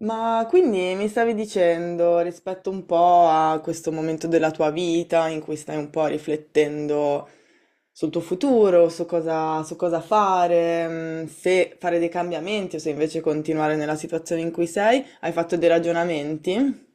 Ma quindi mi stavi dicendo rispetto un po' a questo momento della tua vita in cui stai un po' riflettendo sul tuo futuro, su cosa fare, se fare dei cambiamenti o se invece continuare nella situazione in cui sei, hai fatto dei ragionamenti?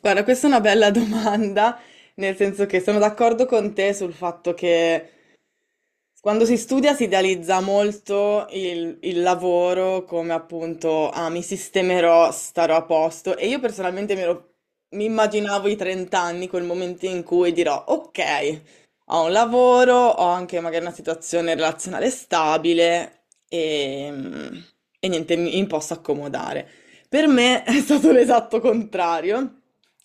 Guarda, questa è una bella domanda, nel senso che sono d'accordo con te sul fatto che quando si studia si idealizza molto il lavoro come appunto, ah, mi sistemerò, starò a posto e io personalmente mi immaginavo i 30 anni, quel momento in cui dirò, ok, ho un lavoro, ho anche magari una situazione relazionale stabile e niente, mi posso accomodare. Per me è stato l'esatto contrario,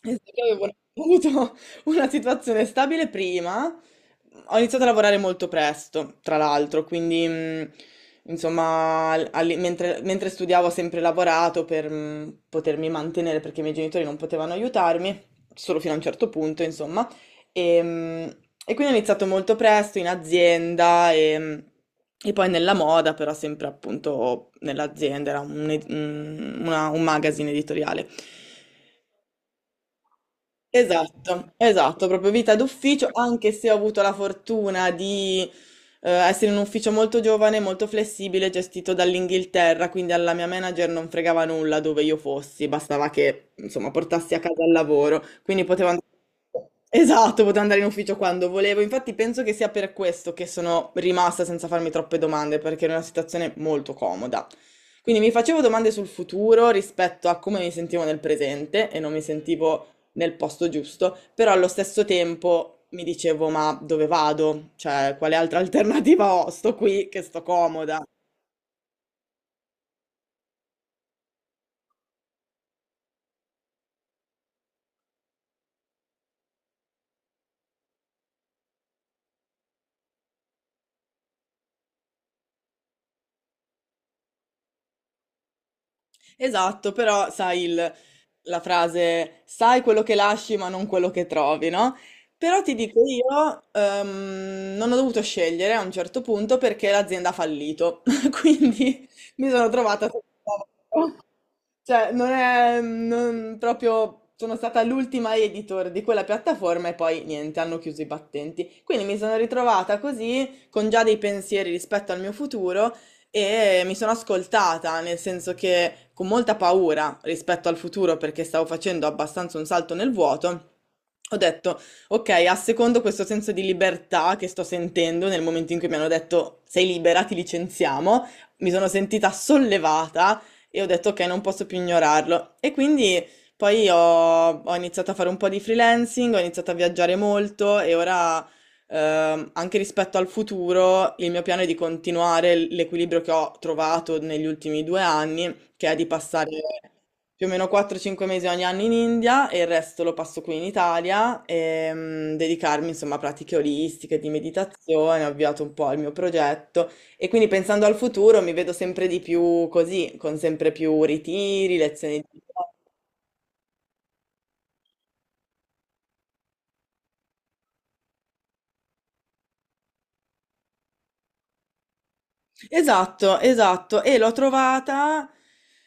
nel senso che avevo avuto una situazione stabile prima. Ho iniziato a lavorare molto presto, tra l'altro, quindi insomma, mentre studiavo ho sempre lavorato per potermi mantenere perché i miei genitori non potevano aiutarmi, solo fino a un certo punto, insomma. E, mh, e quindi ho iniziato molto presto in azienda e poi nella moda, però sempre appunto nell'azienda, era un, ed- un una- un magazine editoriale. Esatto, esatto, proprio vita d'ufficio, anche se ho avuto la fortuna di essere in un ufficio molto giovane, molto flessibile, gestito dall'Inghilterra, quindi alla mia manager non fregava nulla dove io fossi, bastava che, insomma, portassi a casa il lavoro, quindi potevo andare. Esatto, potevo andare in ufficio quando volevo, infatti penso che sia per questo che sono rimasta senza farmi troppe domande, perché era una situazione molto comoda. Quindi mi facevo domande sul futuro rispetto a come mi sentivo nel presente e non mi sentivo nel posto giusto, però allo stesso tempo mi dicevo, ma dove vado? Cioè, quale altra alternativa ho? Sto qui, che sto comoda. Esatto, però sai la frase, sai quello che lasci ma non quello che trovi, no? Però ti dico io, non ho dovuto scegliere a un certo punto perché l'azienda ha fallito, quindi mi sono trovata senza lavoro. Cioè, non è proprio. Sono stata l'ultima editor di quella piattaforma e poi niente, hanno chiuso i battenti. Quindi mi sono ritrovata così, con già dei pensieri rispetto al mio futuro e mi sono ascoltata, nel senso che con molta paura rispetto al futuro perché stavo facendo abbastanza un salto nel vuoto. Ho detto, ok, assecondo questo senso di libertà che sto sentendo nel momento in cui mi hanno detto sei libera, ti licenziamo, mi sono sentita sollevata e ho detto ok, non posso più ignorarlo. E quindi poi ho iniziato a fare un po' di freelancing, ho iniziato a viaggiare molto e ora anche rispetto al futuro il mio piano è di continuare l'equilibrio che ho trovato negli ultimi 2 anni, che è di passare più o meno 4-5 mesi ogni anno in India e il resto lo passo qui in Italia e dedicarmi insomma a pratiche olistiche, di meditazione, ho avviato un po' il mio progetto e quindi pensando al futuro mi vedo sempre di più così, con sempre più ritiri, lezioni di. Esatto, esatto. E l'ho trovata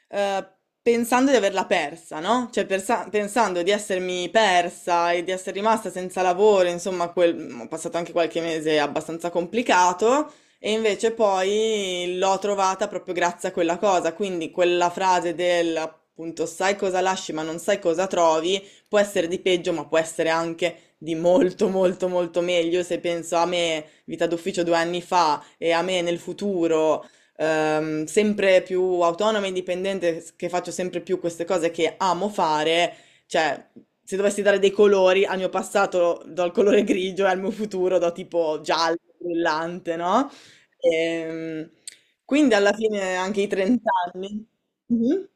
eh, pensando di averla persa, no? Cioè pensando di essermi persa e di essere rimasta senza lavoro, insomma, ho passato anche qualche mese abbastanza complicato. E invece poi l'ho trovata proprio grazie a quella cosa, quindi quella frase del appunto sai cosa lasci ma non sai cosa trovi, può essere di peggio, ma può essere anche di molto molto molto meglio se penso a me, vita d'ufficio 2 anni fa, e a me nel futuro, sempre più autonoma e indipendente, che faccio sempre più queste cose che amo fare, cioè se dovessi dare dei colori al mio passato do il colore grigio e al mio futuro do tipo giallo, brillante, no? Ehm, quindi alla fine anche i 30 anni. Mhm.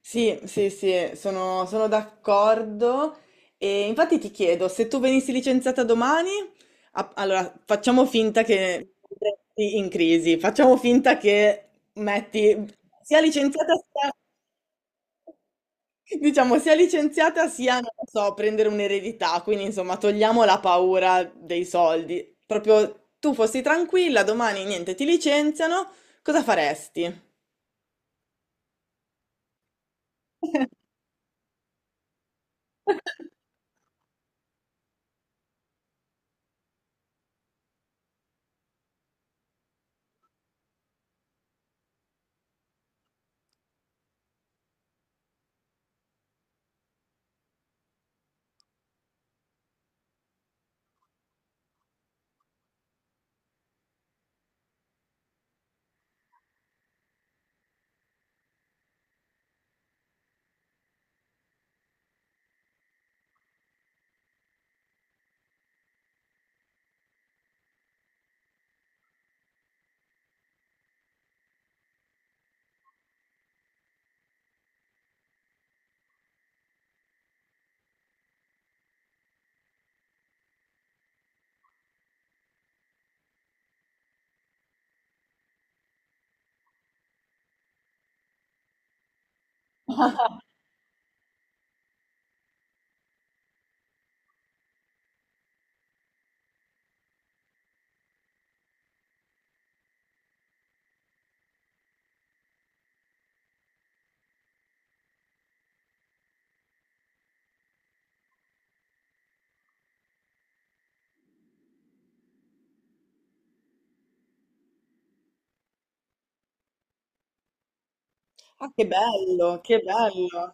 Sì, sì, sì, sono d'accordo. E infatti ti chiedo, se tu venissi licenziata domani, allora facciamo finta che sei in crisi, facciamo finta che metti sia licenziata sia, diciamo, sia licenziata sia, non lo so, prendere un'eredità, quindi insomma togliamo la paura dei soldi. Proprio tu fossi tranquilla, domani niente, ti licenziano, cosa faresti? Ah, che bello, che bello.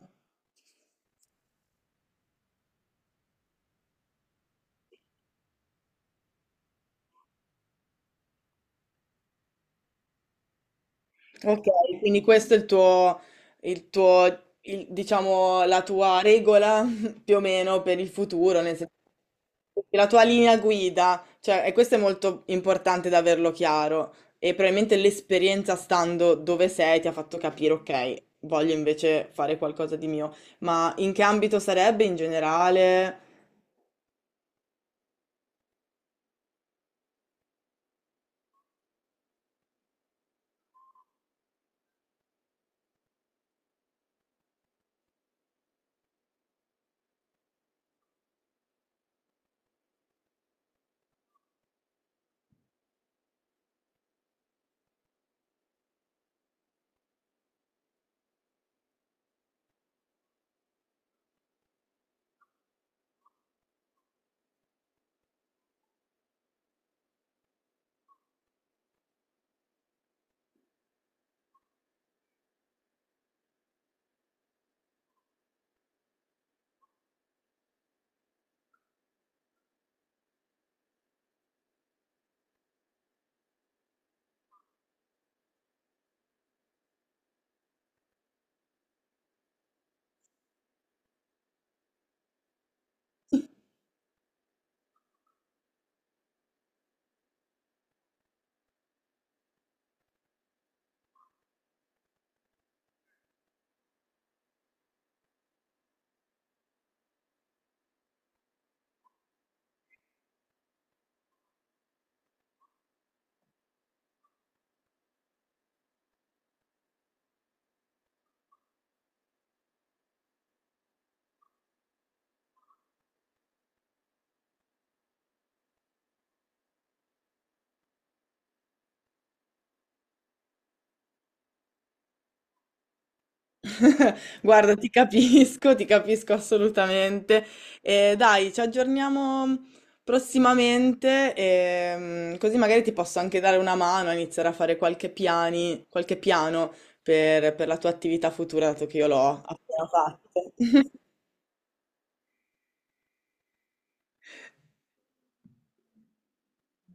Ok, quindi questo è il tuo diciamo, la tua regola più o meno per il futuro, nel senso, la tua linea guida, cioè, e questo è molto importante da averlo chiaro e probabilmente l'esperienza stando dove sei ti ha fatto capire, ok, voglio invece fare qualcosa di mio, ma in che ambito sarebbe in generale? Guarda, ti capisco assolutamente. Dai, ci aggiorniamo prossimamente, così magari ti posso anche dare una mano a iniziare a fare qualche piano per la tua attività futura, dato che io l'ho appena fatto.